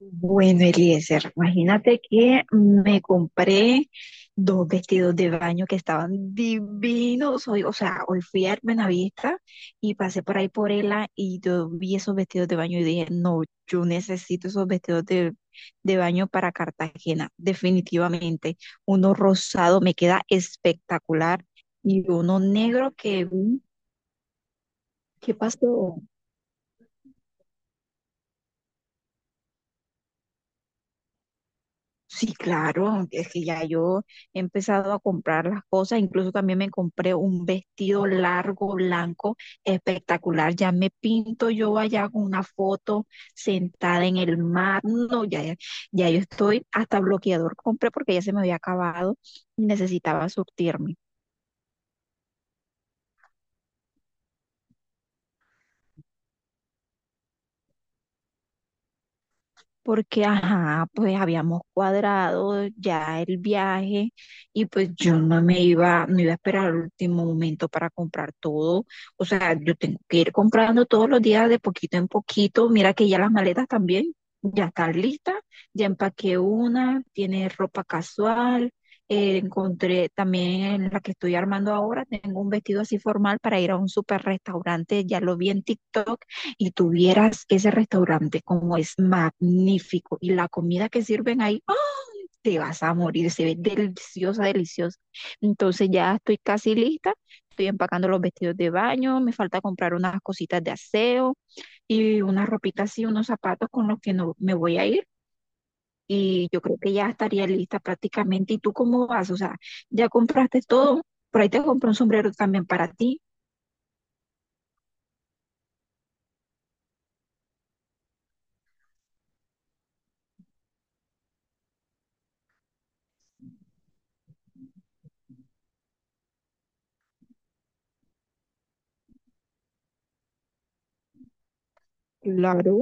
Bueno, Eliezer, imagínate que me compré dos vestidos de baño que estaban divinos. Hoy, o sea, hoy fui a Hermenavista y pasé por ahí por ella y yo vi esos vestidos de baño y dije, no, yo necesito esos vestidos de baño para Cartagena, definitivamente. Uno rosado me queda espectacular y uno negro que, ¿qué pasó? Sí, claro, es que ya yo he empezado a comprar las cosas, incluso también me compré un vestido largo, blanco, espectacular, ya me pinto yo allá con una foto sentada en el mar, no, ya, ya yo estoy, hasta bloqueador compré porque ya se me había acabado y necesitaba surtirme. Porque, ajá, pues habíamos cuadrado ya el viaje y pues yo no me iba, no iba a esperar al último momento para comprar todo. O sea, yo tengo que ir comprando todos los días de poquito en poquito. Mira que ya las maletas también ya están listas, ya empaqué una, tiene ropa casual. Encontré también en la que estoy armando ahora, tengo un vestido así formal para ir a un super restaurante, ya lo vi en TikTok y tuvieras ese restaurante como es magnífico y la comida que sirven ahí, ¡ah! Te vas a morir, se ve deliciosa, deliciosa. Entonces ya estoy casi lista, estoy empacando los vestidos de baño, me falta comprar unas cositas de aseo y unas ropitas y unos zapatos con los que no me voy a ir. Y yo creo que ya estaría lista prácticamente. ¿Y tú cómo vas? O sea, ya compraste todo. Por ahí te compré un sombrero también para ti. Claro.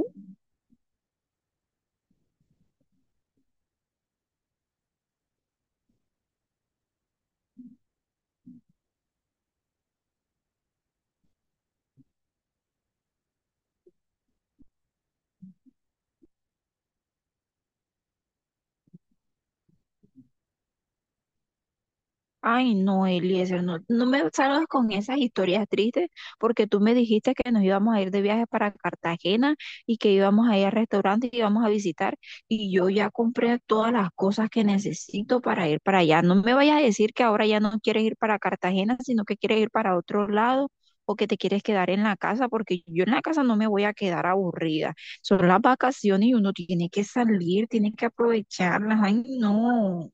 Ay, no, Eliezer, no, no me salgas con esas historias tristes, porque tú me dijiste que nos íbamos a ir de viaje para Cartagena y que íbamos a ir al restaurante y íbamos a visitar, y yo ya compré todas las cosas que necesito para ir para allá. No me vayas a decir que ahora ya no quieres ir para Cartagena, sino que quieres ir para otro lado o que te quieres quedar en la casa, porque yo en la casa no me voy a quedar aburrida. Son las vacaciones y uno tiene que salir, tiene que aprovecharlas. Ay, no.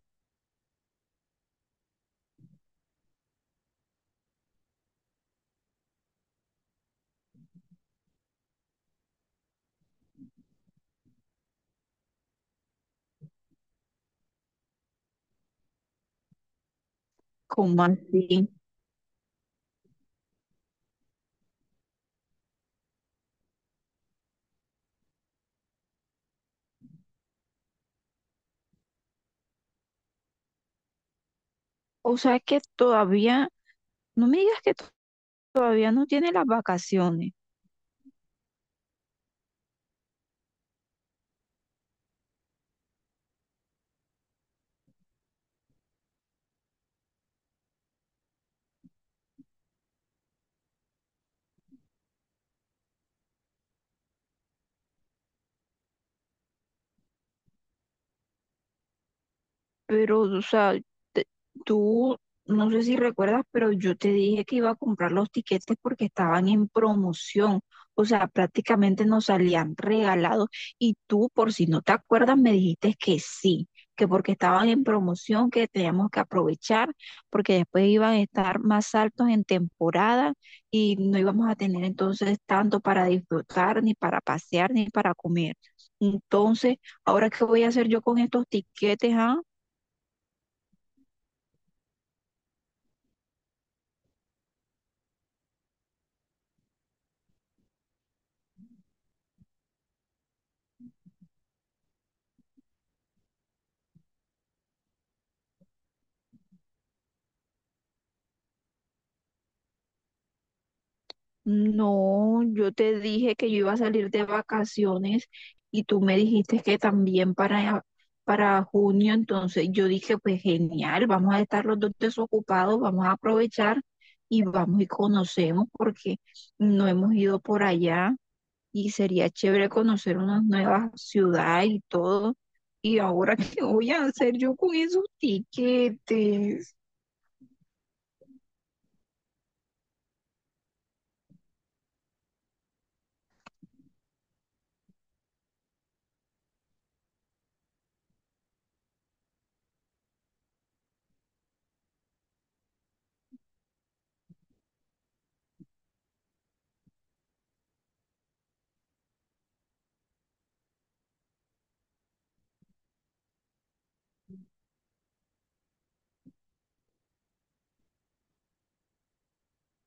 ¿Cómo así? O sea que todavía, no me digas que to- todavía no tiene las vacaciones. Pero, o sea, te- tú, no sé si recuerdas, pero yo te dije que iba a comprar los tiquetes porque estaban en promoción. O sea, prácticamente nos salían regalados. Y tú, por si no te acuerdas, me dijiste que sí, que porque estaban en promoción, que teníamos que aprovechar, porque después iban a estar más altos en temporada y no íbamos a tener entonces tanto para disfrutar, ni para pasear, ni para comer. Entonces, ¿ahora qué voy a hacer yo con estos tiquetes, ah? No, yo te dije que yo iba a salir de vacaciones y tú me dijiste que también para junio, entonces yo dije, pues genial, vamos a estar los dos desocupados, vamos a aprovechar y vamos y conocemos porque no hemos ido por allá y sería chévere conocer unas nuevas ciudades y todo. Y ahora, ¿qué voy a hacer yo con esos tiquetes?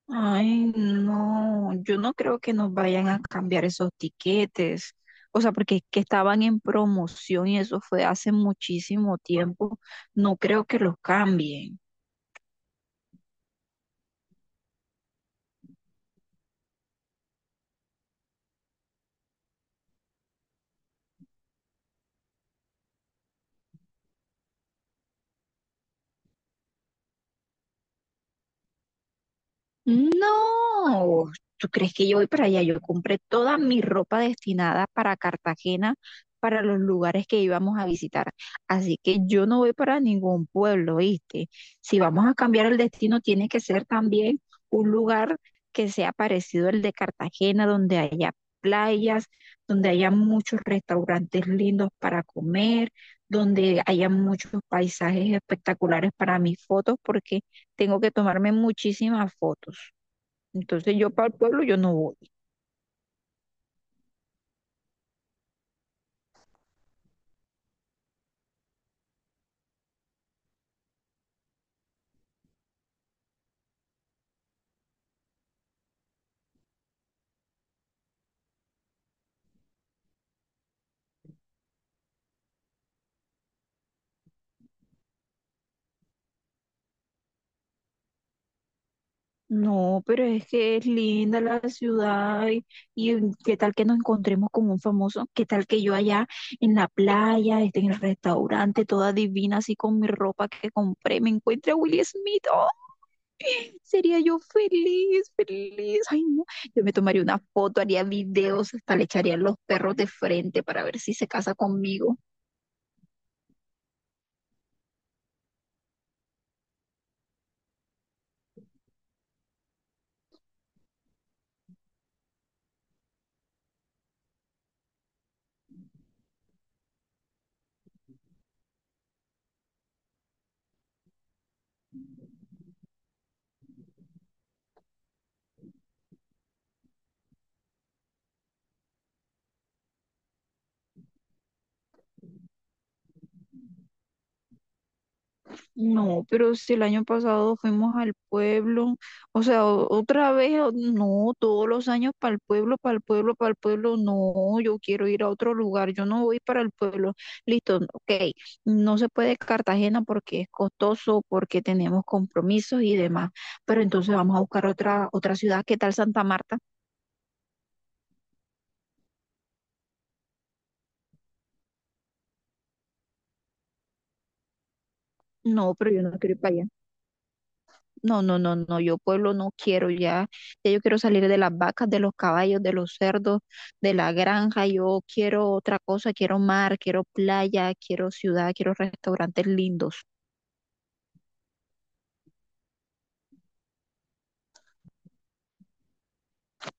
Ay, no, yo no creo que nos vayan a cambiar esos tiquetes. O sea, porque es que estaban en promoción y eso fue hace muchísimo tiempo. No creo que los cambien. No, ¿tú crees que yo voy para allá? Yo compré toda mi ropa destinada para Cartagena, para los lugares que íbamos a visitar. Así que yo no voy para ningún pueblo, ¿viste? Si vamos a cambiar el destino, tiene que ser también un lugar que sea parecido al de Cartagena, donde haya playas, donde haya muchos restaurantes lindos para comer, donde haya muchos paisajes espectaculares para mis fotos, porque tengo que tomarme muchísimas fotos. Entonces yo para el pueblo yo no voy. No, pero es que es linda la ciudad y mm, qué tal que nos encontremos con un famoso, qué tal que yo allá en la playa, esté en el restaurante, toda divina, así con mi ropa que compré, me encuentre a Will Smith. Oh, sería yo feliz, feliz. Ay, no, yo me tomaría una foto, haría videos, hasta le echaría a los perros de frente para ver si se casa conmigo. No, pero si el año pasado fuimos al pueblo, o sea, otra vez, no, todos los años para el pueblo, para el pueblo, para el pueblo, no, yo quiero ir a otro lugar, yo no voy para el pueblo. Listo, ok, no se puede Cartagena porque es costoso, porque tenemos compromisos y demás, pero entonces vamos a buscar otra ciudad, ¿qué tal Santa Marta? No, pero yo no quiero ir para allá. No, no, no, no, yo pueblo no quiero ya, ya yo quiero salir de las vacas, de los caballos, de los cerdos, de la granja, yo quiero otra cosa, quiero mar, quiero playa, quiero ciudad, quiero restaurantes lindos.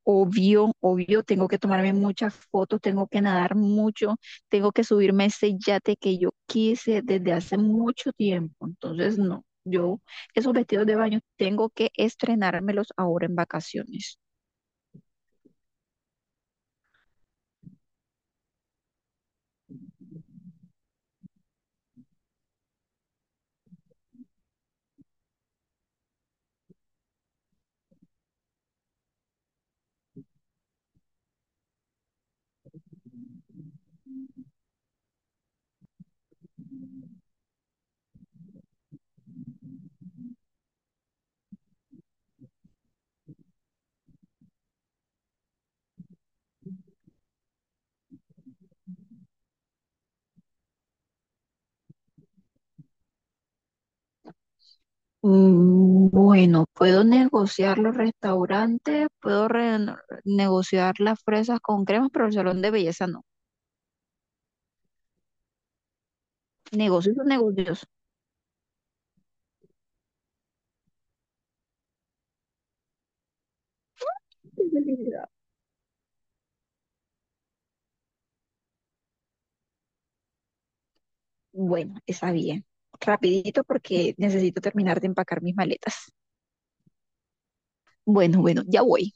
Obvio, obvio, tengo que tomarme muchas fotos, tengo que nadar mucho, tengo que subirme a ese yate que yo quise desde hace mucho tiempo, entonces no, yo esos vestidos de baño tengo que estrenármelos ahora en vacaciones. Mm, bueno, puedo negociar los restaurantes, puedo negociar las fresas con cremas, pero el salón de belleza no. Negocios son negocios. Bueno, está bien. Rapidito porque necesito terminar de empacar mis maletas. Bueno, bueno, ya voy.